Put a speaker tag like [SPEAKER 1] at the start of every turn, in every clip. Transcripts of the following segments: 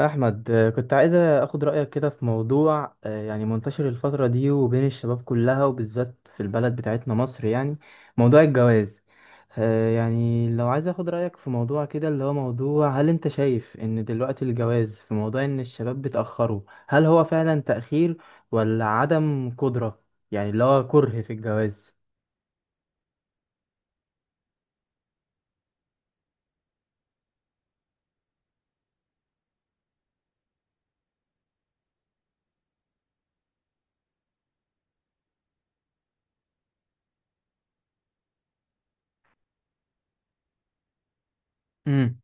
[SPEAKER 1] أحمد، كنت عايز أخد رأيك كده في موضوع، يعني منتشر الفترة دي وبين الشباب كلها وبالذات في البلد بتاعتنا مصر، يعني موضوع الجواز. يعني لو عايز أخد رأيك في موضوع كده، اللي هو موضوع هل أنت شايف إن دلوقتي الجواز في موضوع إن الشباب بتأخره؟ هل هو فعلا تأخير ولا عدم قدرة؟ يعني اللي هو كره في الجواز. امم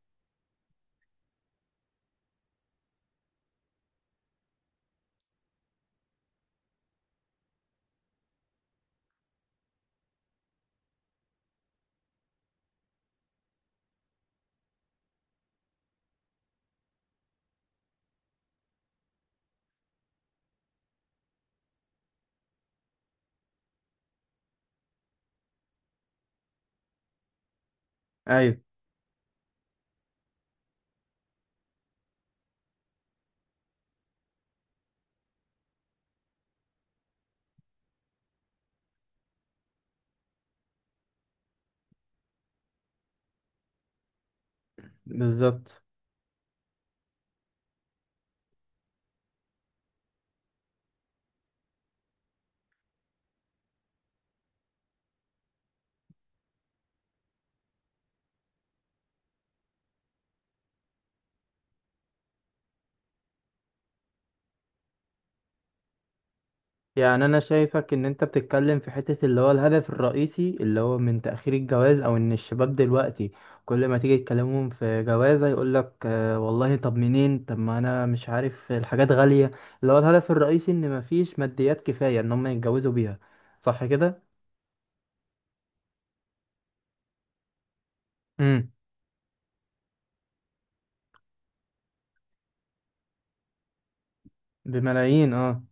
[SPEAKER 1] ايوه، بالظبط. يعني انا شايفك ان انت بتتكلم في حتة اللي هو الهدف الرئيسي اللي هو من تأخير الجواز، او ان الشباب دلوقتي كل ما تيجي تكلمهم في جوازة يقولك آه والله، طب منين؟ طب ما انا مش عارف، الحاجات غالية. اللي هو الهدف الرئيسي ان مفيش ماديات كفاية ان هم يتجوزوا بيها، صح كده؟ امم بملايين، اه.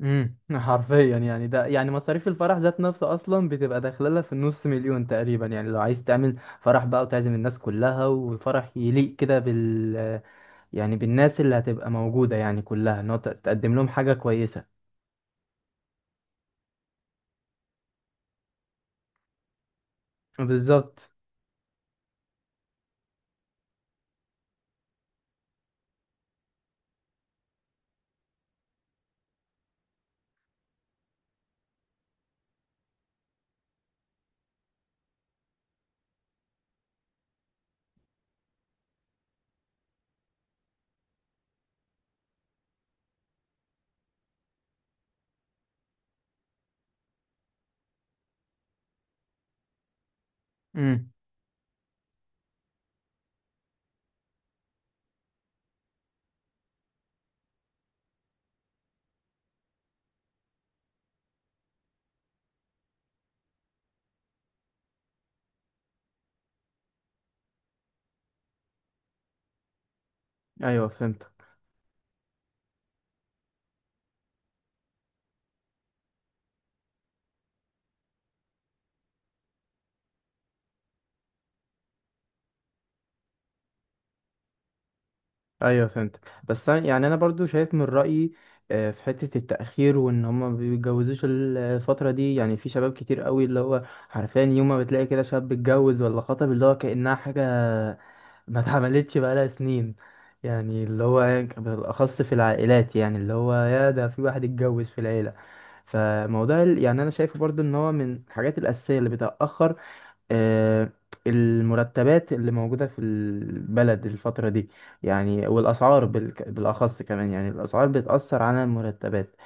[SPEAKER 1] حرفيا يعني ده، يعني مصاريف الفرح ذات نفسها اصلا بتبقى داخله لها في النص مليون تقريبا. يعني لو عايز تعمل فرح بقى وتعزم الناس كلها وفرح يليق كده بال، يعني بالناس اللي هتبقى موجودة يعني كلها، ان هو تقدم لهم حاجة كويسة. بالظبط. امم ايوه، فهمتك. ايوه فهمتك. يعني انا برضو شايف من رأيي، في حتة التأخير وان هما ما بيتجوزوش الفترة دي. يعني في شباب كتير قوي اللي هو حرفيا، يوم ما بتلاقي كده شاب اتجوز ولا خطب اللي هو كأنها حاجة ما اتعملتش بقالها سنين. يعني اللي هو بالأخص في العائلات، يعني اللي هو يا ده في واحد اتجوز في العيلة. فموضوع يعني أنا شايفه برضو إن هو من الحاجات الأساسية اللي بتأخر، آه، المرتبات اللي موجودة في البلد الفترة دي. يعني والأسعار بالأخص كمان، يعني الأسعار بتأثر على المرتبات.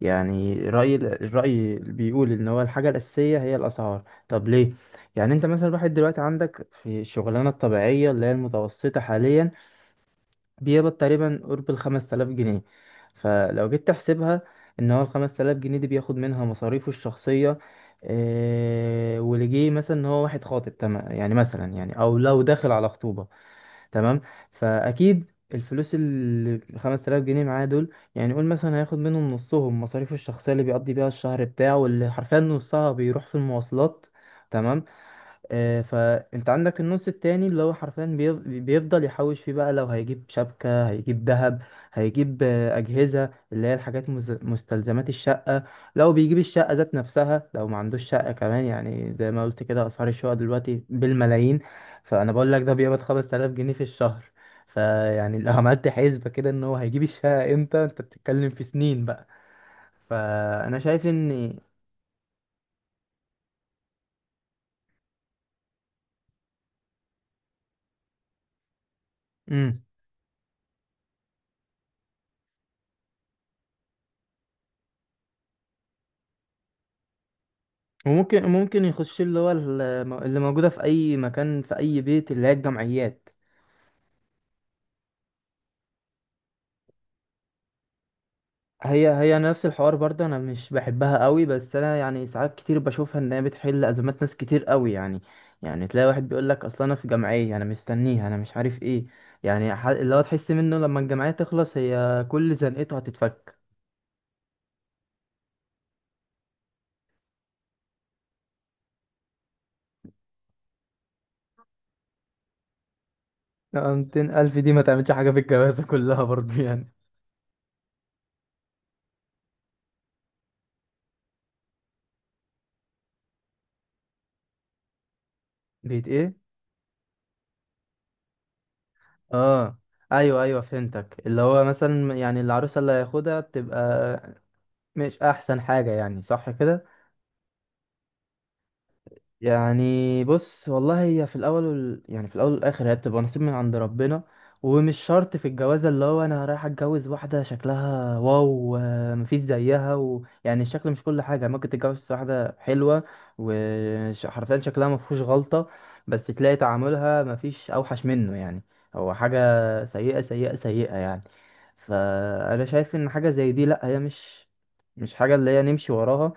[SPEAKER 1] يعني الرأي اللي بيقول إن هو الحاجة الأساسية هي الأسعار، طب ليه؟ يعني أنت مثلا الواحد دلوقتي عندك في الشغلانة الطبيعية اللي هي المتوسطة حاليا بيقبض تقريبا قرب الخمس تلاف جنيه. فلو جيت تحسبها، إن هو الخمس تلاف جنيه دي بياخد منها مصاريفه الشخصية. واللي جه مثلا إن هو واحد خاطب، تمام؟ يعني مثلا، يعني أو لو داخل على خطوبة، تمام. فاكيد الفلوس ال 5000 جنيه معاه دول، يعني قول مثلا هياخد منهم نصهم مصاريفه الشخصيه اللي بيقضي بيها الشهر بتاعه، واللي حرفيا نصها بيروح في المواصلات، تمام. فانت عندك النص التاني اللي هو حرفيا بيفضل يحوش فيه بقى. لو هيجيب شبكة، هيجيب ذهب، هيجيب أجهزة اللي هي الحاجات مستلزمات الشقة، لو بيجيب الشقة ذات نفسها، لو ما عندوش شقة كمان. يعني زي ما قلت كده، أسعار الشقة دلوقتي بالملايين، فأنا بقول لك ده بيقبض 5000 جنيه في الشهر. فيعني لو عملت حسبة كده إن هو هيجيب الشقة إمتى، أنت بتتكلم في سنين بقى. فأنا شايف إن، وممكن يخش اللي هو اللي موجودة في أي مكان في أي بيت اللي هي الجمعيات. هي نفس الحوار برضه، أنا مش بحبها قوي، بس أنا يعني ساعات كتير بشوفها إن هي بتحل أزمات ناس كتير قوي يعني. يعني تلاقي واحد بيقول لك أصل أنا في جمعية أنا مستنيها أنا مش عارف إيه. يعني اللي هو تحس منه لما الجمعية تخلص هي كل زنقته هتتفك. 200 ألف دي ما تعملش حاجة في الجوازة كلها برضه يعني. بيت إيه؟ آه، ايوه ايوه فهمتك. اللي هو مثلا يعني العروسه اللي هياخدها بتبقى مش احسن حاجه، يعني صح كده؟ يعني بص والله، هي في الاول وال، يعني في الاول والاخر هي بتبقى نصيب من عند ربنا. ومش شرط في الجوازه اللي هو انا رايح اتجوز واحده شكلها واو، مفيش زيها و، يعني الشكل مش كل حاجه. ممكن تتجوز واحده حلوه وحرفيا شكلها مفيهوش غلطه، بس تلاقي تعاملها مفيش اوحش منه يعني، هو حاجه سيئه سيئه سيئه يعني. فانا شايف ان حاجه زي دي لا، هي مش مش حاجه اللي هي نمشي وراها.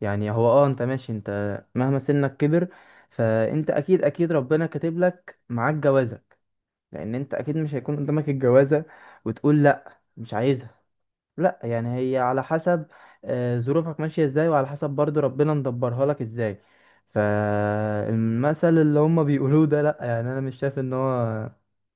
[SPEAKER 1] يعني هو اه انت ماشي انت، مهما سنك كبر فانت اكيد اكيد ربنا كاتب لك معاك جوازك. لان انت اكيد مش هيكون قدامك الجوازة وتقول لا مش عايزها. لا، يعني هي على حسب ظروفك ماشية ازاي، وعلى حسب برضو ربنا مدبرها لك ازاي. فالمثل اللي هما بيقولوه ده، لا، يعني انا مش شايف ان هو،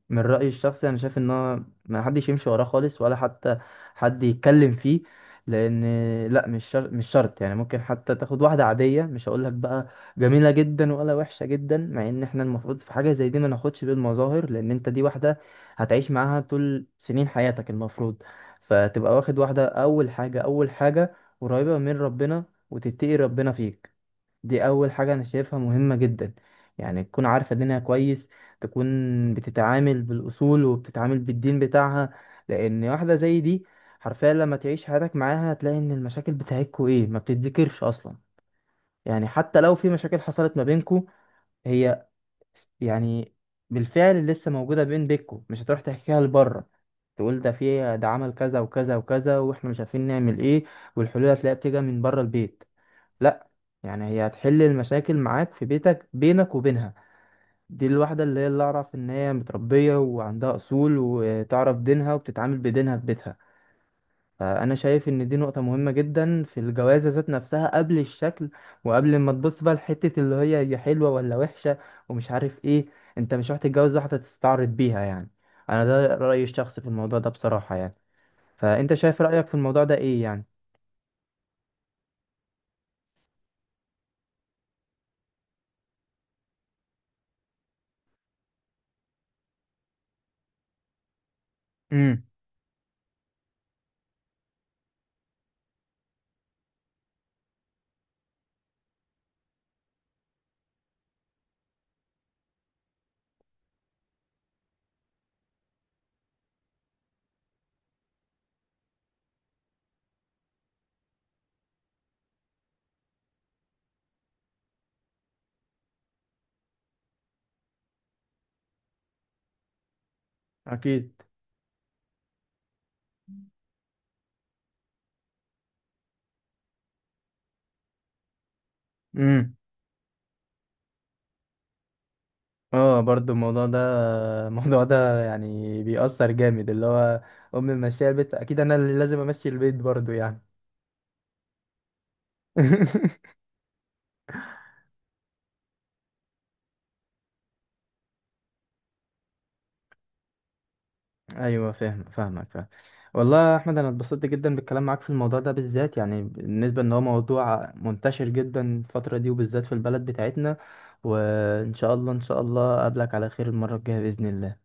[SPEAKER 1] من رأيي الشخصي أنا شايف إن هو ما حدش يمشي وراه خالص، ولا حتى حد يتكلم فيه. لأن، لأ، مش شرط مش شرط. يعني ممكن حتى تاخد واحدة عادية، مش هقولك بقى جميلة جدا ولا وحشة جدا، مع إن إحنا المفروض في حاجة زي دي ما ناخدش بالمظاهر. لأن أنت دي واحدة هتعيش معاها طول سنين حياتك المفروض. فتبقى واخد واحدة أول حاجة أول حاجة قريبة من ربنا وتتقي ربنا فيك. دي أول حاجة أنا شايفها مهمة جدا. يعني تكون عارفة دينها كويس، تكون بتتعامل بالأصول وبتتعامل بالدين بتاعها. لأن واحدة زي دي حرفيا لما تعيش حياتك معاها هتلاقي إن المشاكل بتاعتكوا إيه، ما بتتذكرش أصلا. يعني حتى لو في مشاكل حصلت ما بينكوا، هي يعني بالفعل لسه موجودة بينكوا، مش هتروح تحكيها لبره تقول ده في ده عمل كذا وكذا وكذا واحنا مش عارفين نعمل ايه، والحلول هتلاقيها بتيجي من بره البيت. لا، يعني هي هتحل المشاكل معاك في بيتك بينك وبينها. دي الواحدة اللي هي اللي أعرف إن هي متربية وعندها أصول وتعرف دينها وبتتعامل بدينها في بيتها. فأنا شايف إن دي نقطة مهمة جدا في الجوازة ذات نفسها، قبل الشكل وقبل ما تبص بقى لحتة اللي هي هي حلوة ولا وحشة ومش عارف إيه. أنت مش رايح تتجوز واحدة تستعرض بيها يعني. أنا ده رأيي الشخصي في الموضوع ده بصراحة يعني. فأنت شايف رأيك في الموضوع ده إيه يعني؟ امم اكيد. امم اه، برضو الموضوع ده. الموضوع ده يعني بيأثر جامد، اللي هو امي ماشيه البيت اكيد انا اللي لازم امشي البيت برضو يعني. ايوه، فاهم فاهمك فاهم. والله يا احمد انا اتبسطت جدا بالكلام معاك في الموضوع ده بالذات، يعني بالنسبه ان هو موضوع منتشر جدا الفتره دي وبالذات في البلد بتاعتنا. وان شاء الله ان شاء الله اقابلك على خير المره الجايه باذن الله.